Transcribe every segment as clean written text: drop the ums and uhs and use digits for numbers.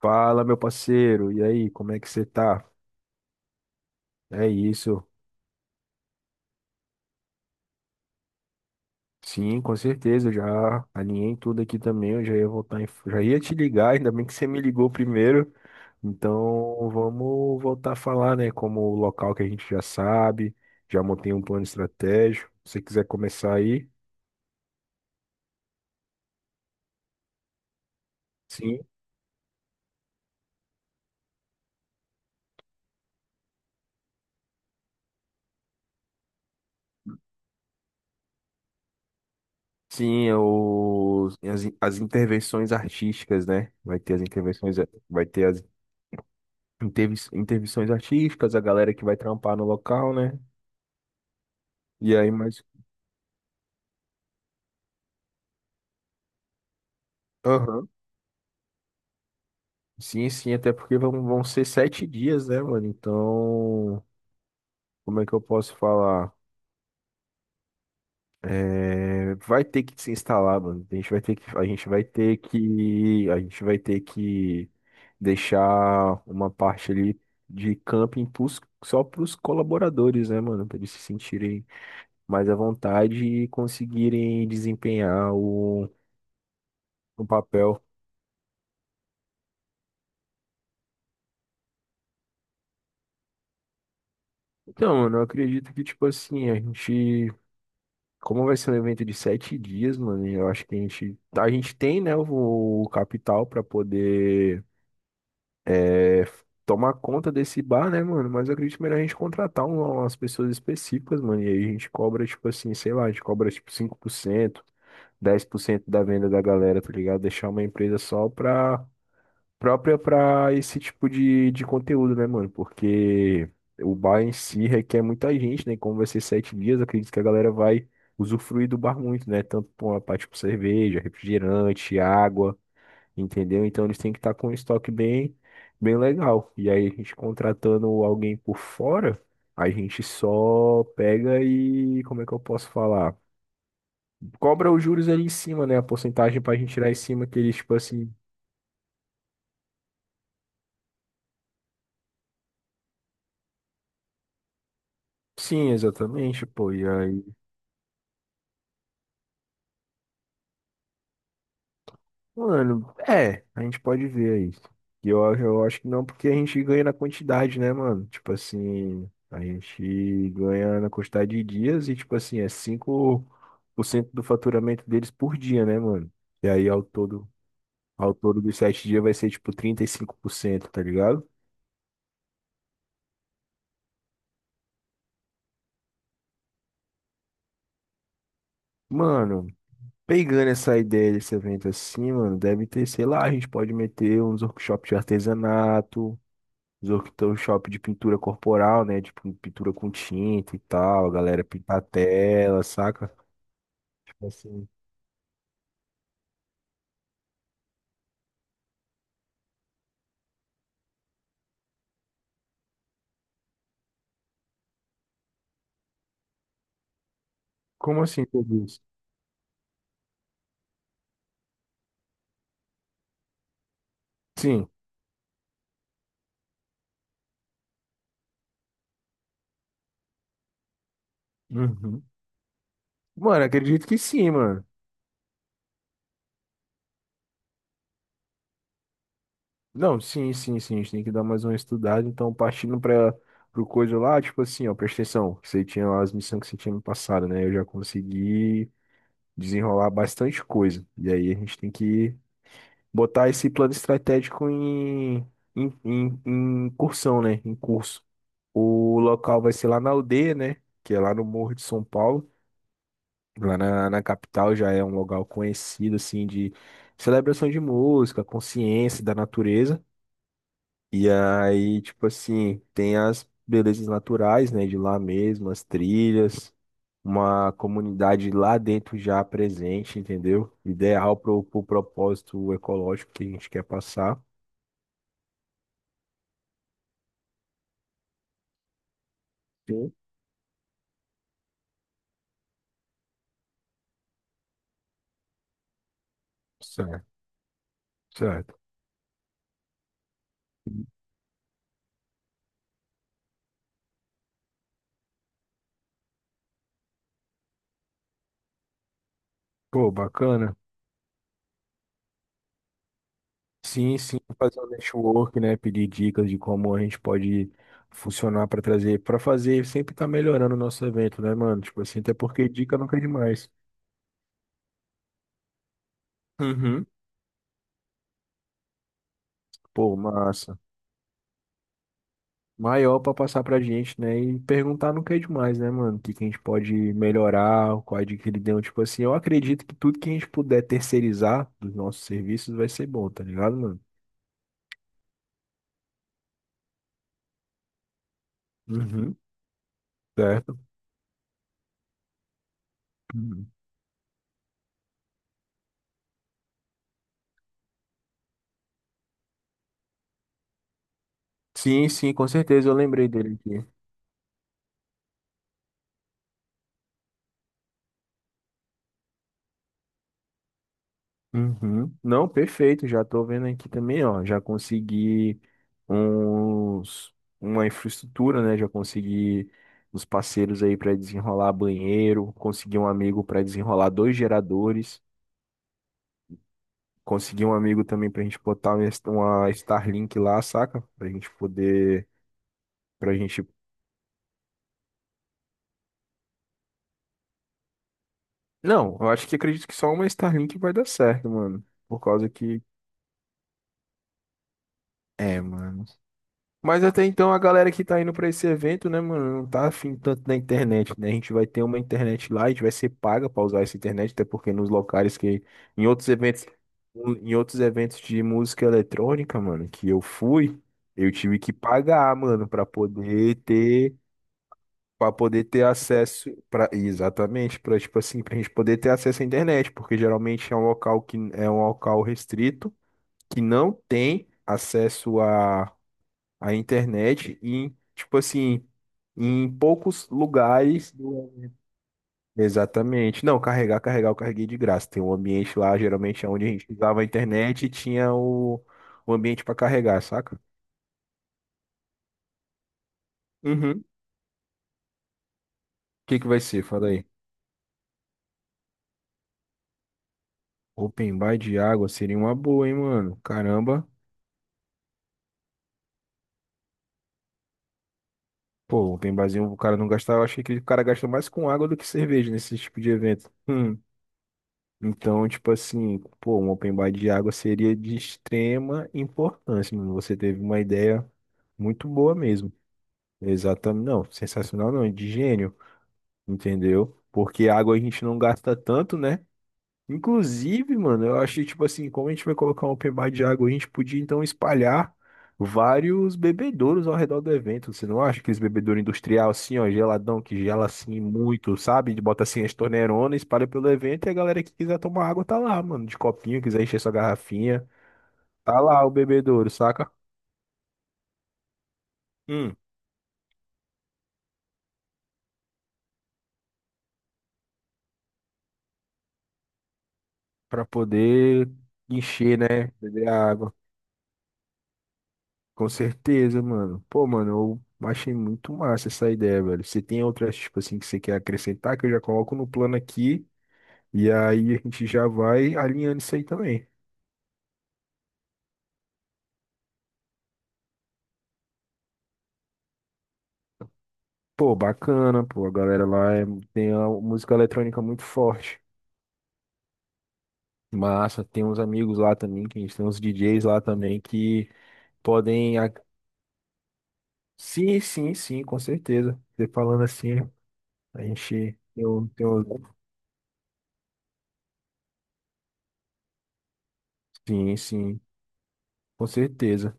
Fala, meu parceiro, e aí, como é que você tá? É isso. Sim, com certeza, já alinhei tudo aqui também, eu já ia voltar em... já ia te ligar, ainda bem que você me ligou primeiro. Então, vamos voltar a falar, né, como o local que a gente já sabe, já montei um plano estratégico. Se você quiser começar aí. Sim. Sim, as intervenções artísticas, né? Vai ter as intervenções, vai ter as intervenções artísticas, a galera que vai trampar no local, né? E aí, mais. Aham. Sim, sim, até porque vão ser 7 dias, né, mano? Então, como é que eu posso falar? É, vai ter que se instalar, mano. A gente vai ter que, a gente vai ter que, a gente vai ter que deixar uma parte ali de camping pros, só para os colaboradores, né, mano? Para eles se sentirem mais à vontade e conseguirem desempenhar o papel. Então, mano, eu acredito que, tipo assim, a gente. Como vai ser um evento de 7 dias, mano, eu acho que a gente tem, né, o capital pra poder é, tomar conta desse bar, né, mano? Mas eu acredito melhor a gente contratar umas pessoas específicas, mano. E aí a gente cobra, tipo assim, sei lá, a gente cobra tipo 5%, 10% da venda da galera, tá ligado? Deixar uma empresa só pra própria para esse tipo de conteúdo, né, mano? Porque o bar em si requer muita gente, né? E como vai ser 7 dias, eu acredito que a galera vai usufruir do bar muito, né? Tanto por uma parte com cerveja, refrigerante, água, entendeu? Então eles têm que estar com um estoque bem legal. E aí a gente contratando alguém por fora, a gente só pega e, como é que eu posso falar? Cobra os juros ali em cima, né? A porcentagem pra gente tirar em cima que eles, tipo assim. Sim, exatamente, pô. E aí. Mano, é, a gente pode ver isso. E eu acho que não, porque a gente ganha na quantidade, né, mano? Tipo assim, a gente ganha na quantidade de dias e, tipo assim, é 5% do faturamento deles por dia, né, mano? E aí, ao todo dos 7 dias vai ser, tipo, 35%, tá ligado? Mano, pegando essa ideia desse evento assim, mano, deve ter, sei lá, a gente pode meter uns workshops de artesanato, os workshop de pintura corporal, né? Tipo, pintura com tinta e tal, a galera pintar a tela, saca? Tipo assim. Como assim tudo isso? Sim. Uhum. Mano, acredito que sim, mano. Não, sim, sim, sim. A gente tem que dar mais uma estudada. Então, partindo para pro coisa lá, tipo assim, ó, presta atenção. Você tinha lá as missões que você tinha me passado, né? Eu já consegui desenrolar bastante coisa. E aí a gente tem que botar esse plano estratégico em cursão, né? Em curso. O local vai ser lá na aldeia, né? Que é lá no Morro de São Paulo. Lá na capital já é um local conhecido, assim, de celebração de música, consciência da natureza. E aí, tipo assim, tem as belezas naturais, né? De lá mesmo, as trilhas, uma comunidade lá dentro já presente, entendeu? Ideal pro propósito ecológico que a gente quer passar. Sim. Certo, certo. Pô, bacana. Sim, sim, fazer um network, né? Pedir dicas de como a gente pode funcionar para trazer, para fazer, sempre tá melhorando o nosso evento, né, mano? Tipo assim, até porque dica nunca é demais. Uhum. Pô, massa. Maior para passar pra gente, né? E perguntar nunca é demais, né, mano? O que que a gente pode melhorar, qual a dica que ele deu. Tipo assim, eu acredito que tudo que a gente puder terceirizar dos nossos serviços vai ser bom, tá ligado, mano? Uhum. Certo? Uhum. Sim, sim, com certeza eu lembrei dele aqui. Uhum. Não, perfeito. Já tô vendo aqui também, ó. Já consegui uns, uma infraestrutura, né? Já consegui uns parceiros aí para desenrolar banheiro. Consegui um amigo para desenrolar 2 geradores. Consegui um amigo também pra gente botar uma uma Starlink lá, saca? Pra gente poder. Pra gente. Não, eu acho que acredito que só uma Starlink vai dar certo, mano. Por causa que. É, mano. Mas até então a galera que tá indo pra esse evento, né, mano, não tá afim tanto da internet, né? A gente vai ter uma internet lá, a gente vai ser paga pra usar essa internet, até porque nos locais que em outros eventos, em outros eventos de música eletrônica, mano, que eu fui, eu tive que pagar, mano, pra poder ter para poder ter acesso para exatamente, para tipo assim, pra gente poder ter acesso à internet, porque geralmente é um local que é um local restrito que não tem acesso a internet em, tipo assim, em poucos lugares. Exatamente. Não, carregar, eu carreguei de graça. Tem um ambiente lá, geralmente é onde a gente usava a internet e tinha o ambiente para carregar, saca? Uhum. O que que vai ser? Fala aí. Open bar de água seria uma boa, hein, mano? Caramba. Pô, open barzinho, o cara não gastava. Eu achei que o cara gasta mais com água do que cerveja nesse tipo de evento. Hum. Então, tipo assim, pô, um open bar de água seria de extrema importância, mano. Você teve uma ideia muito boa mesmo. Exatamente, não, sensacional não, de gênio, entendeu? Porque água a gente não gasta tanto, né? Inclusive, mano, eu achei, tipo assim, como a gente vai colocar um open bar de água, a gente podia então espalhar vários bebedouros ao redor do evento. Você não acha aqueles bebedouro industrial assim, ó, geladão, que gela assim muito, sabe? De bota assim as torneironas, espalha pelo evento e a galera que quiser tomar água tá lá, mano, de copinho, quiser encher sua garrafinha, tá lá o bebedouro, saca? Hum, pra poder encher, né? Beber água. Com certeza, mano. Pô, mano, eu achei muito massa essa ideia, velho. Você tem outras, tipo assim, que você quer acrescentar, que eu já coloco no plano aqui, e aí a gente já vai alinhando isso aí também. Pô, bacana, pô, a galera lá é- tem a música eletrônica muito forte. Massa, tem uns amigos lá também, que a gente tem uns DJs lá também que podem. A- Sim, sim, sim, com certeza. Você falando assim, a gente. Eu... Sim, sim, com certeza.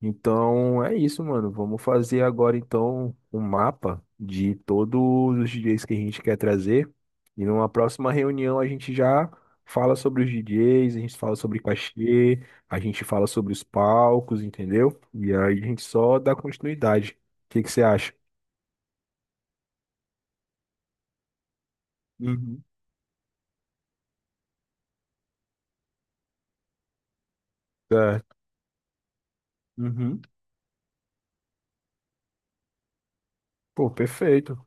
Então é isso, mano. Vamos fazer agora então um mapa de todos os DJs que a gente quer trazer. E numa próxima reunião a gente já fala sobre os DJs, a gente fala sobre cachê, a gente fala sobre os palcos, entendeu? E aí a gente só dá continuidade. O que que você acha? Uhum. Certo. Uhum. Pô, perfeito.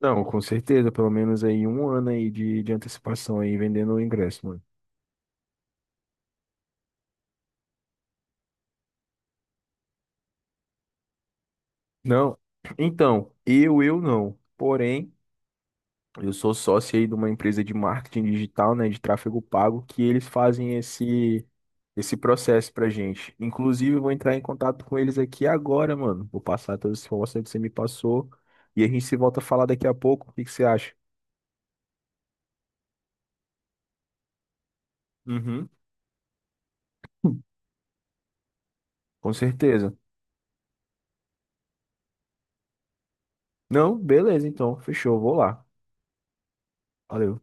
Não, com certeza, pelo menos aí um ano aí de antecipação aí vendendo o ingresso, mano. Não, então, eu não. Porém, eu sou sócio aí de uma empresa de marketing digital, né, de tráfego pago, que eles fazem esse processo pra gente. Inclusive, eu vou entrar em contato com eles aqui agora, mano. Vou passar todas as informações que você me passou e a gente se volta a falar daqui a pouco. O que que você acha? Uhum. Com certeza. Não, beleza, então. Fechou, vou lá. Valeu.